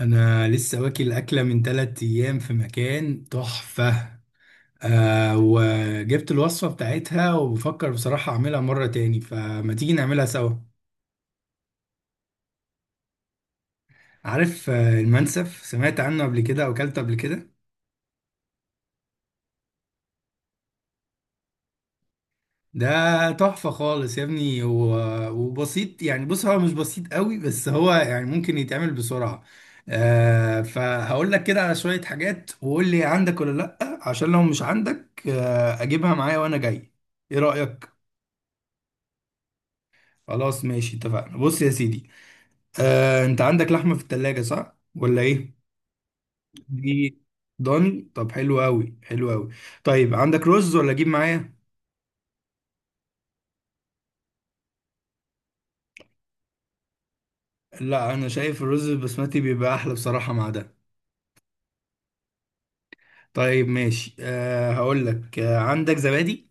انا لسه واكل اكله من 3 ايام في مكان تحفه، وجبت الوصفه بتاعتها وبفكر بصراحه اعملها مره تاني، فما تيجي نعملها سوا. عارف، المنسف سمعت عنه قبل كده او اكلته قبل كده؟ ده تحفه خالص يا ابني، و- وبسيط يعني، بص هو مش بسيط قوي بس هو يعني ممكن يتعمل بسرعه. فهقول لك كده على شويه حاجات وقول لي عندك ولا لا، عشان لو مش عندك اجيبها معايا وانا جاي. ايه رايك؟ خلاص ماشي، اتفقنا. بص يا سيدي، انت عندك لحمه في التلاجة صح ولا ايه؟ دي ضاني؟ طب حلو قوي، حلو قوي. طيب عندك رز ولا اجيب معايا؟ لا، انا شايف الرز البسمتي بيبقى احلى بصراحه مع ده. طيب ماشي، هقول لك، عندك زبادي؟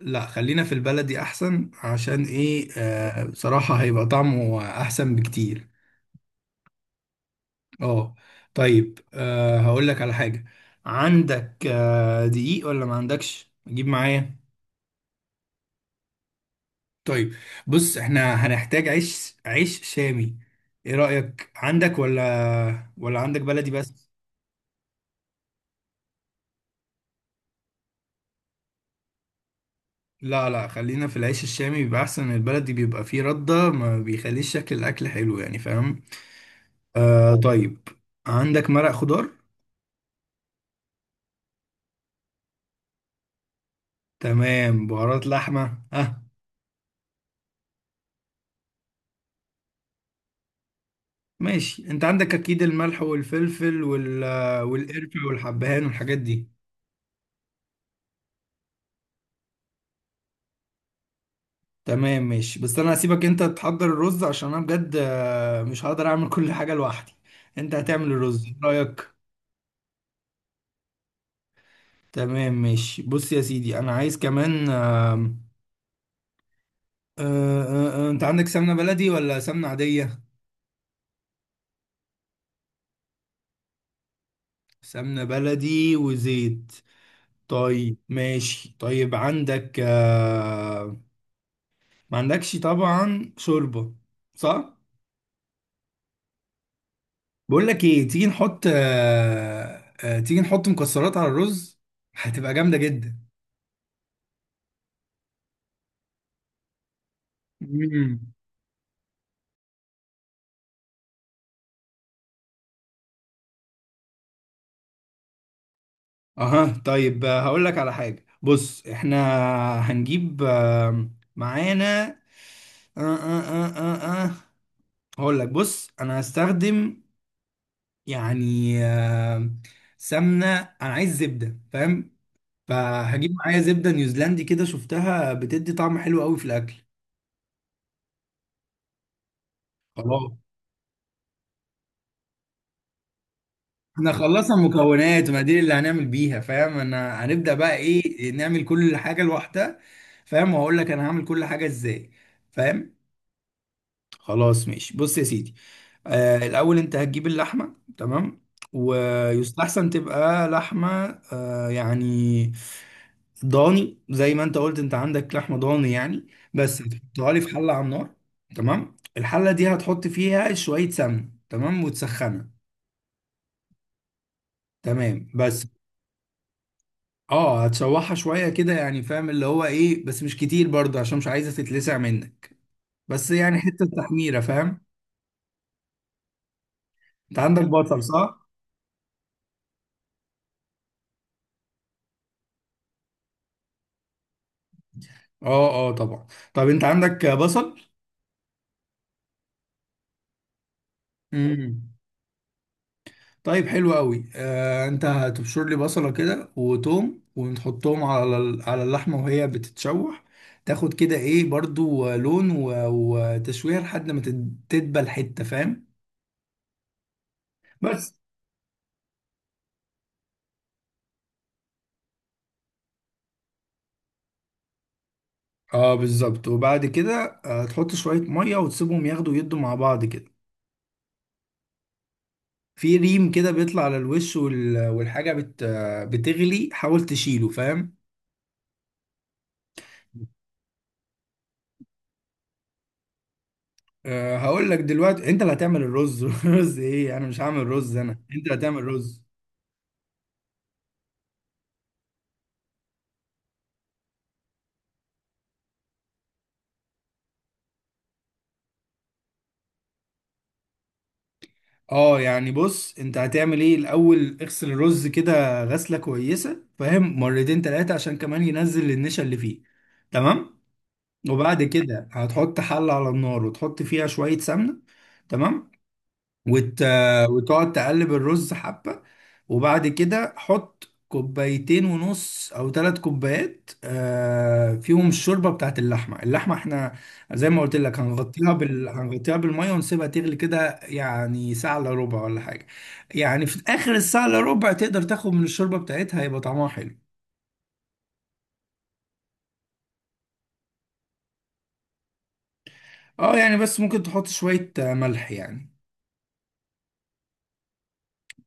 لا، خلينا في البلدي احسن، عشان ايه، بصراحه هيبقى طعمه احسن بكتير. اه طيب، هقول لك على حاجه، عندك دقيق ولا ما عندكش اجيب معايا؟ طيب، بص احنا هنحتاج عيش، عيش شامي. ايه رأيك؟ عندك ولا عندك بلدي بس؟ لا لا، خلينا في العيش الشامي، بيبقى احسن. البلدي بيبقى فيه ردة، ما بيخليش شكل الاكل حلو يعني، فاهم. آه طيب، عندك مرق خضار؟ تمام. بهارات لحمة؟ اه ماشي. انت عندك اكيد الملح والفلفل وال... والقرفة والحبهان والحاجات دي؟ تمام ماشي. بس انا هسيبك انت تحضر الرز، عشان انا بجد مش هقدر اعمل كل حاجة لوحدي. انت هتعمل الرز، إيه رأيك؟ تمام ماشي، بص يا سيدي. انا عايز كمان، آم، آه، آه، آه، انت عندك سمنة بلدي ولا سمنة عادية؟ سمنة بلدي وزيت. طيب ماشي. طيب عندك ما عندكش طبعا شوربة صح؟ بقول لك ايه، تيجي نحط، تيجي نحط مكسرات على الرز، هتبقى جامدة جدا. مم. اها طيب، هقول لك على حاجة. بص احنا هنجيب معانا آه آه آه آه آه. هقول لك، بص انا هستخدم يعني سمنة، انا عايز زبدة فاهم. فهجيب معايا زبدة نيوزيلندي كده، شفتها بتدي طعم حلو قوي في الاكل. خلاص، احنا خلصنا المكونات، وما دي اللي هنعمل بيها فاهم. انا هنبدأ بقى ايه، نعمل كل حاجة لوحدها فاهم، وهقول لك انا هعمل كل حاجة ازاي، فاهم. خلاص ماشي، بص يا سيدي، آه الاول انت هتجيب اللحمه، تمام. ويستحسن تبقى لحمه يعني ضاني، زي ما انت قلت، انت عندك لحمه ضاني يعني. بس هتحطها لي في حله على النار. تمام، الحله دي هتحط فيها شويه سمن، تمام، وتسخنها. تمام بس. اه هتشوحها شويه كده يعني فاهم، اللي هو ايه، بس مش كتير برضه، عشان مش عايزه تتلسع منك، بس يعني حته تحميره فاهم. انت عندك بصل صح؟ اه اه طبعا. طب انت عندك بصل؟ امم. طيب حلو قوي. آه انت هتبشر لي بصله كده وتوم، ونحطهم على على اللحمه وهي بتتشوح. تاخد كده ايه برضو، لون وتشويه لحد ما تدبل حته، فاهم بس. اه بالظبط. وبعد كده تحط شويه ميه وتسيبهم ياخدوا يدوا مع بعض كده. في ريم كده بيطلع على الوش وال- والحاجه بت بتغلي، حاول تشيله فاهم. أه هقول لك دلوقتي انت اللي هتعمل الرز رز ايه، انا مش هعمل رز، انا انت اللي هتعمل رز. اه يعني، بص انت هتعمل ايه الاول، اغسل الرز كده غسله كويسه فاهم، مرتين تلاتة، عشان كمان ينزل النشا اللي فيه. تمام، وبعد كده هتحط حله على النار وتحط فيها شويه سمنه. تمام. وت... وتقعد تقلب الرز حبة. وبعد كده حط كوبايتين ونص او 3 كوبايات، فيهم الشوربة بتاعت اللحمة. اللحمة احنا زي ما قلت لك، هنغطيها بالمية ونسيبها تغلي كده، يعني ساعة الا ربع ولا حاجة، يعني في اخر الساعة الا ربع تقدر تاخد من الشوربة بتاعتها، هيبقى طعمها حلو. اه يعني، بس ممكن تحط شوية ملح يعني.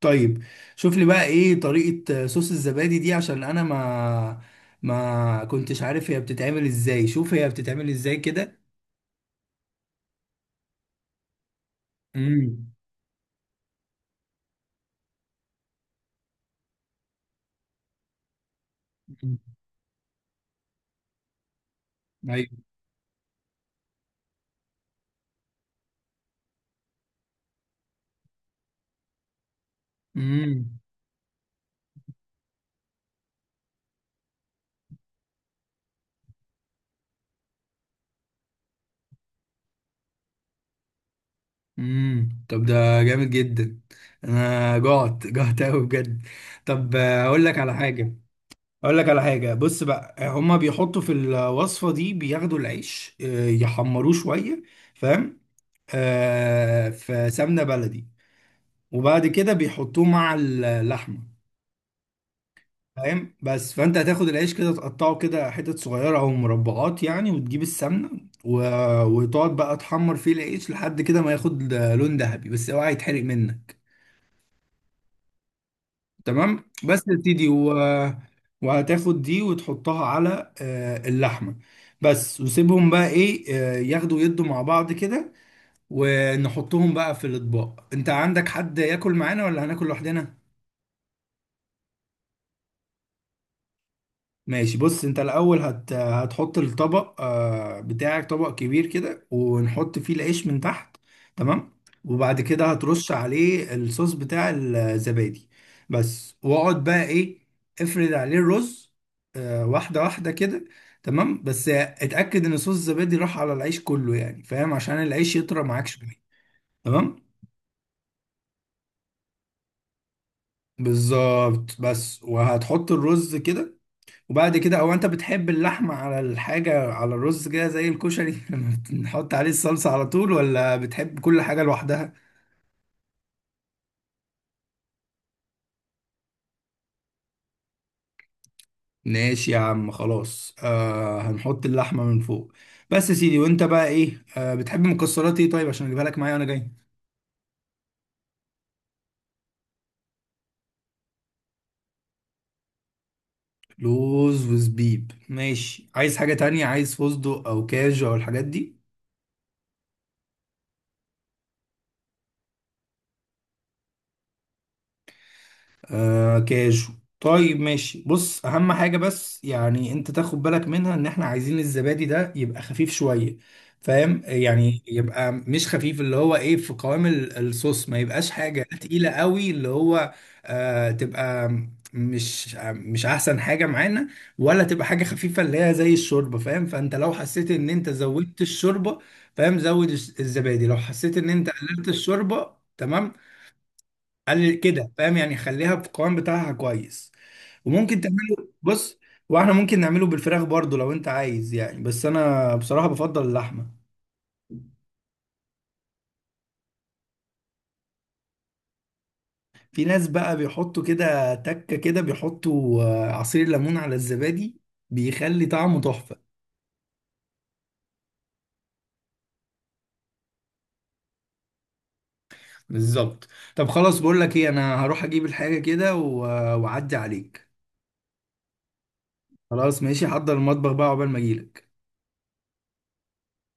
طيب، شوف لي بقى ايه طريقة صوص الزبادي دي، عشان انا ما كنتش عارف هي بتتعمل ازاي، شوف هي بتتعمل ازاي كده. امم، ايوه، امم، امم. طب ده جامد جدا، انا جعت جعت قوي بجد. طب اقول لك على حاجة، اقول لك على حاجة. بص بقى، هما بيحطوا في الوصفة دي بياخدوا العيش يحمروه شوية فاهم، آه في سمنة بلدي، وبعد كده بيحطوه مع اللحمة فاهم. بس فانت هتاخد العيش كده تقطعه كده حتت صغيره او مربعات يعني، وتجيب السمنه و... وتقعد بقى تحمر فيه العيش لحد كده ما ياخد لون ذهبي، بس اوعى يتحرق منك. تمام بس يا سيدي و... وهتاخد دي وتحطها على اللحمه بس، وسيبهم بقى ايه ياخدوا يدوا مع بعض كده، ونحطهم بقى في الاطباق. انت عندك حد ياكل معانا ولا هناكل لوحدنا؟ ماشي، بص انت الاول هتحط الطبق بتاعك، طبق كبير كده، ونحط فيه العيش من تحت. تمام، وبعد كده هترش عليه الصوص بتاع الزبادي بس. واقعد بقى ايه، افرد عليه الرز واحدة واحدة كده. تمام بس اتأكد ان صوص الزبادي راح على العيش كله يعني فاهم، عشان العيش يطرى معاك شوية. تمام بالظبط. بس وهتحط الرز كده، وبعد كده او انت بتحب اللحمة على الحاجة على الرز كده زي الكشري نحط عليه الصلصة على طول، ولا بتحب كل حاجة لوحدها؟ ماشي يا عم، خلاص، آه هنحط اللحمة من فوق. بس يا سيدي، وانت بقى ايه، آه بتحب مكسرات ايه، طيب عشان اجيبها لك معايا وانا جاي؟ لوز وزبيب ماشي. عايز حاجة تانية، عايز فستق او كاجو او الحاجات دي؟ آه كاجو. طيب ماشي. بص، اهم حاجة بس يعني انت تاخد بالك منها، ان احنا عايزين الزبادي ده يبقى خفيف شوية فاهم، يعني يبقى مش خفيف، اللي هو ايه، في قوام الصوص، ما يبقاش حاجة تقيلة قوي، اللي هو تبقى، مش احسن حاجة معانا، ولا تبقى حاجة خفيفة اللي هي زي الشوربة فاهم. فانت لو حسيت ان انت زودت الشوربة فاهم، زود الزبادي، لو حسيت ان انت قللت الشوربة تمام، قلل كده فاهم، يعني خليها في القوام بتاعها كويس. وممكن تعمله، بص، واحنا ممكن نعمله بالفراخ برضو لو انت عايز يعني، بس انا بصراحة بفضل اللحمة. في ناس بقى بيحطوا كده تكة كده، بيحطوا عصير ليمون على الزبادي، بيخلي طعمه تحفة. بالظبط. طب خلاص، بقول لك ايه، انا هروح اجيب الحاجة كده واعدي عليك. خلاص ماشي، حضر المطبخ بقى عقبال ما اجيلك.